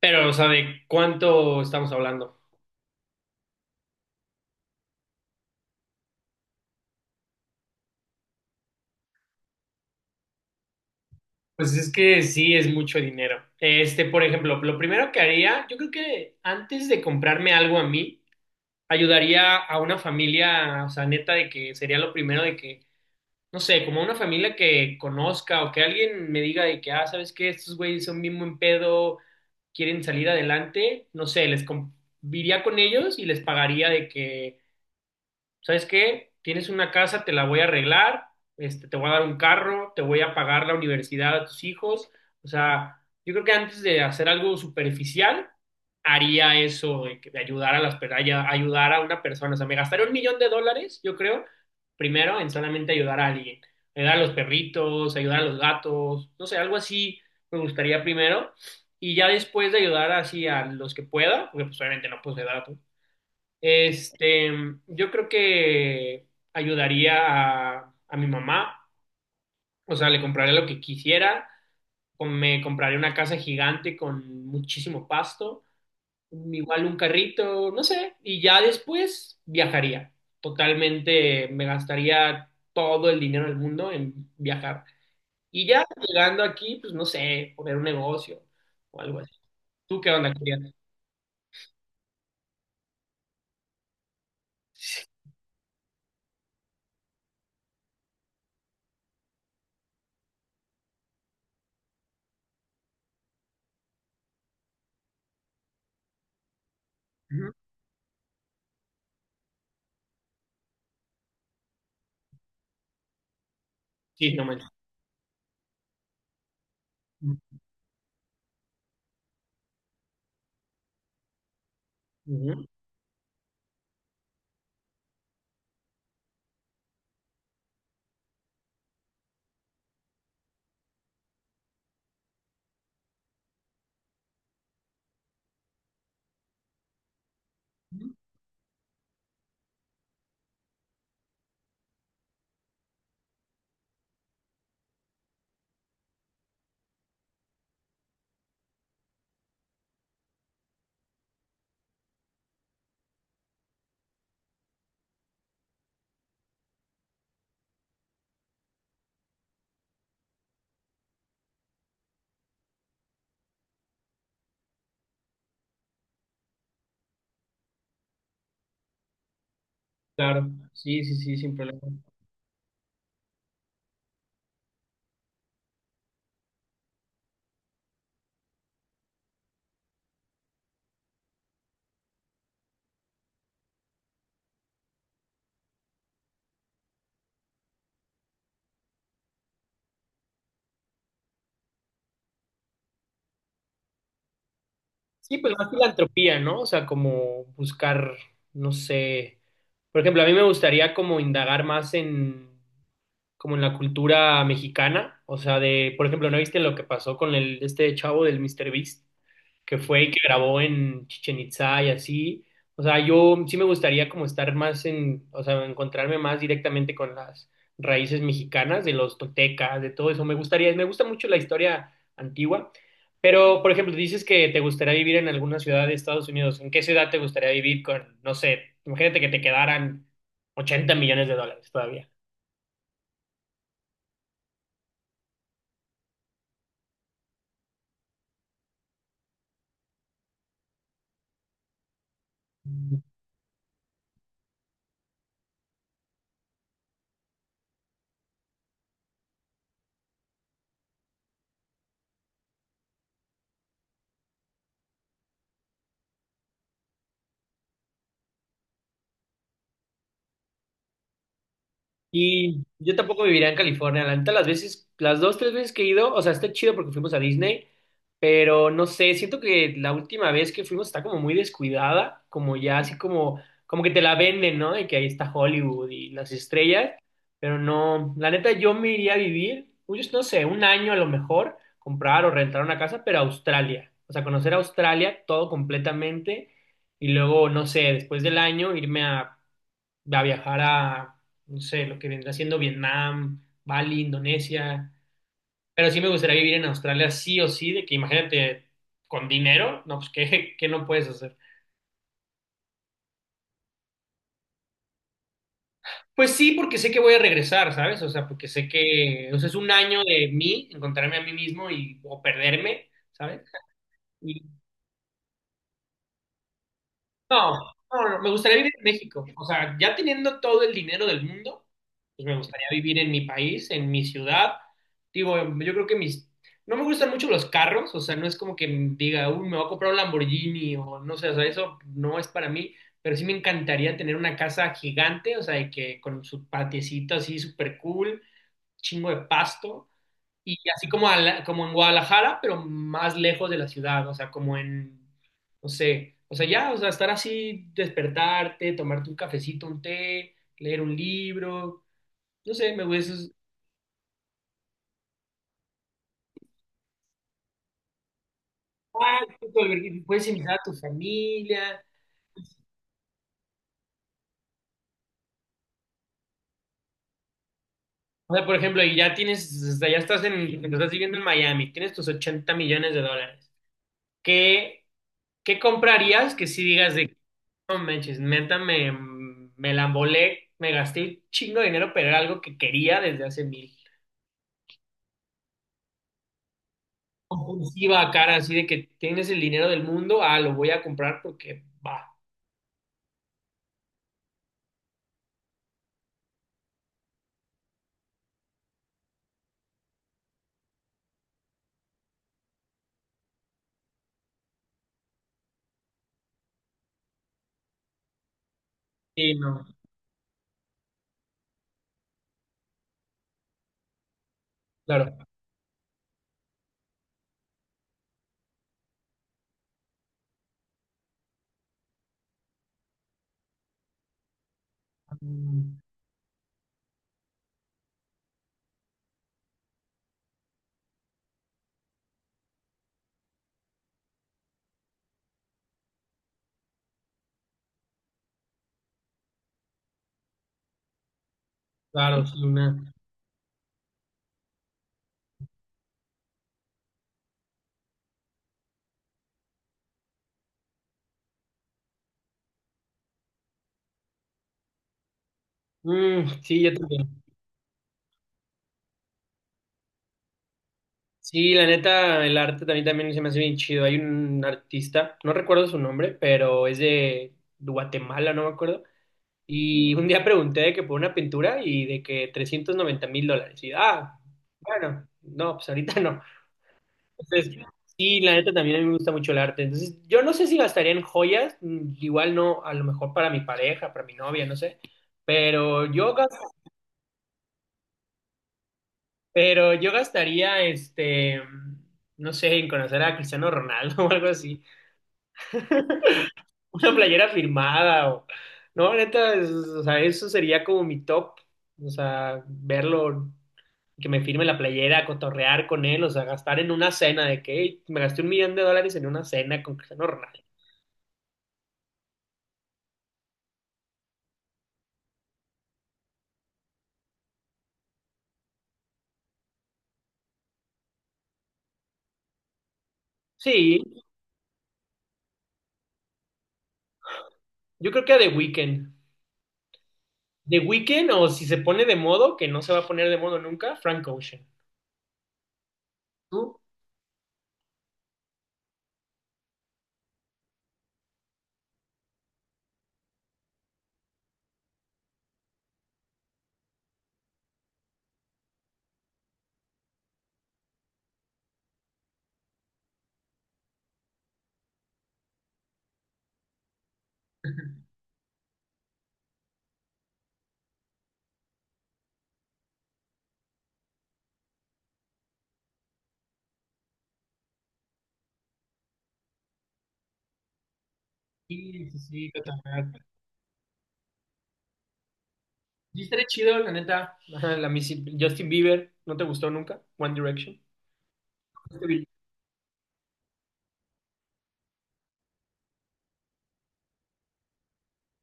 Pero, o sea, ¿de cuánto estamos hablando? Pues es que sí es mucho dinero. Por ejemplo, lo primero que haría, yo creo que antes de comprarme algo a mí, ayudaría a una familia, o sea, neta, de que sería lo primero de que, no sé, como una familia que conozca o que alguien me diga de que, ah, ¿sabes qué? Estos güeyes son bien buen pedo, quieren salir adelante, no sé, iría con ellos y les pagaría de que, ¿sabes qué? Tienes una casa, te la voy a arreglar, te voy a dar un carro, te voy a pagar la universidad a tus hijos. O sea, yo creo que antes de hacer algo superficial, haría eso de ayudar a una persona. O sea, me gastaría 1 millón de dólares, yo creo, primero en solamente ayudar a alguien. Ayudar a los perritos, ayudar a los gatos, no sé, algo así me gustaría primero. Y ya después de ayudar así a los que pueda, porque pues obviamente no puedo ayudar a todos, este, yo creo que ayudaría a mi mamá, o sea, le compraría lo que quisiera. Me compraría una casa gigante con muchísimo pasto, igual un carrito, no sé, y ya después viajaría. Totalmente me gastaría todo el dinero del mundo en viajar. Y ya llegando aquí, pues no sé, poner un negocio o algo así. ¿Tú qué onda, querías? Ujú. Sí, no manches. Ujú. Ujú. Claro, sí, sí, sí, sin problema. Sí, pues más filantropía, ¿no? O sea, como buscar, no sé, por ejemplo, a mí me gustaría como indagar más en, como en la cultura mexicana, o sea, de, por ejemplo, ¿no viste lo que pasó con el este chavo del Mr. Beast, que fue y que grabó en Chichen Itza y así? O sea, yo sí me gustaría como estar más en, o sea, encontrarme más directamente con las raíces mexicanas, de los toltecas, de todo eso. Me gustaría, me gusta mucho la historia antigua. Pero, por ejemplo, dices que te gustaría vivir en alguna ciudad de Estados Unidos. ¿En qué ciudad te gustaría vivir con, no sé, imagínate que te quedaran 80 millones de dólares todavía? Y yo tampoco viviría en California. La neta, las veces, las dos, tres veces que he ido, o sea, está chido porque fuimos a Disney, pero no sé, siento que la última vez que fuimos está como muy descuidada, como ya así como, como que te la venden, ¿no? Y que ahí está Hollywood y las estrellas, pero no, la neta, yo me iría a vivir, pues, no sé, un año a lo mejor, comprar o rentar una casa, pero a Australia. O sea, conocer Australia todo completamente y luego, no sé, después del año irme a viajar a, no sé, lo que vendrá siendo Vietnam, Bali, Indonesia. Pero sí me gustaría vivir en Australia, sí o sí, de que imagínate, con dinero, no, pues, ¿qué no puedes hacer? Pues sí, porque sé que voy a regresar, ¿sabes? O sea, porque sé que, o sea, es un año de mí, encontrarme a mí mismo y, o perderme, ¿sabes? No, no, no, me gustaría vivir en México. O sea, ya teniendo todo el dinero del mundo, pues me gustaría vivir en mi país, en mi ciudad. Digo, yo creo que mis... No me gustan mucho los carros, o sea, no es como que diga, uy, me voy a comprar un Lamborghini o no sé, o sea, eso no es para mí, pero sí me encantaría tener una casa gigante, o sea, de que con su patiecito así súper cool, chingo de pasto y así como, como en Guadalajara, pero más lejos de la ciudad, o sea, como en, no sé, o sea, ya, o sea, estar así, despertarte, tomarte un cafecito, un té, leer un libro, no sé, me gusta eso. Ah, puedes invitar a tu familia. O sea, por ejemplo, y ya tienes, o sea, ya estás en, estás viviendo en Miami, tienes tus 80 millones de dólares. ¿Qué, qué comprarías, que si digas de no manches, neta, me la embolé, me gasté un chingo de dinero, pero era algo que quería desde hace mil? Compulsiva, cara, así de que tienes el dinero del mundo, ah, lo voy a comprar porque va. Sí, no, claro. Mm. Claro, sí, una. Mm, sí, yo también. Sí, la neta, el arte también, también se me hace bien chido. Hay un artista, no recuerdo su nombre, pero es de Guatemala, no me acuerdo. Y un día pregunté de que por una pintura y de que 390.000 dólares. Y ah, bueno, no, pues ahorita no. Entonces, sí, la neta también a mí me gusta mucho el arte. Entonces, yo no sé si gastaría en joyas, mm, igual no, a lo mejor para mi pareja, para mi novia, no sé. Pero yo, gastaría, no sé, en conocer a Cristiano Ronaldo o algo así. Una playera firmada o... No, neta, o sea, eso sería como mi top. O sea, verlo, que me firme la playera, cotorrear con él, o sea, gastar en una cena de que "Ey, me gasté 1 millón de dólares en una cena con Cristiano Ronaldo." Sí, yo creo que a The Weeknd. The Weeknd, o si se pone de modo, que no se va a poner de modo nunca, Frank Ocean. ¿Tú? Sí, sí, sí, cotorrear. Sí, estaría chido, la neta. Ajá, Justin Bieber, ¿no te gustó nunca? One Direction.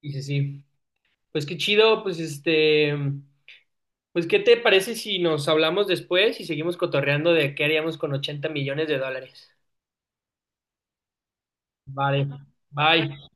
Sí, sí, sí. Pues qué chido, pues este. Pues, ¿qué te parece si nos hablamos después y seguimos cotorreando de qué haríamos con 80 millones de dólares? Vale, bye.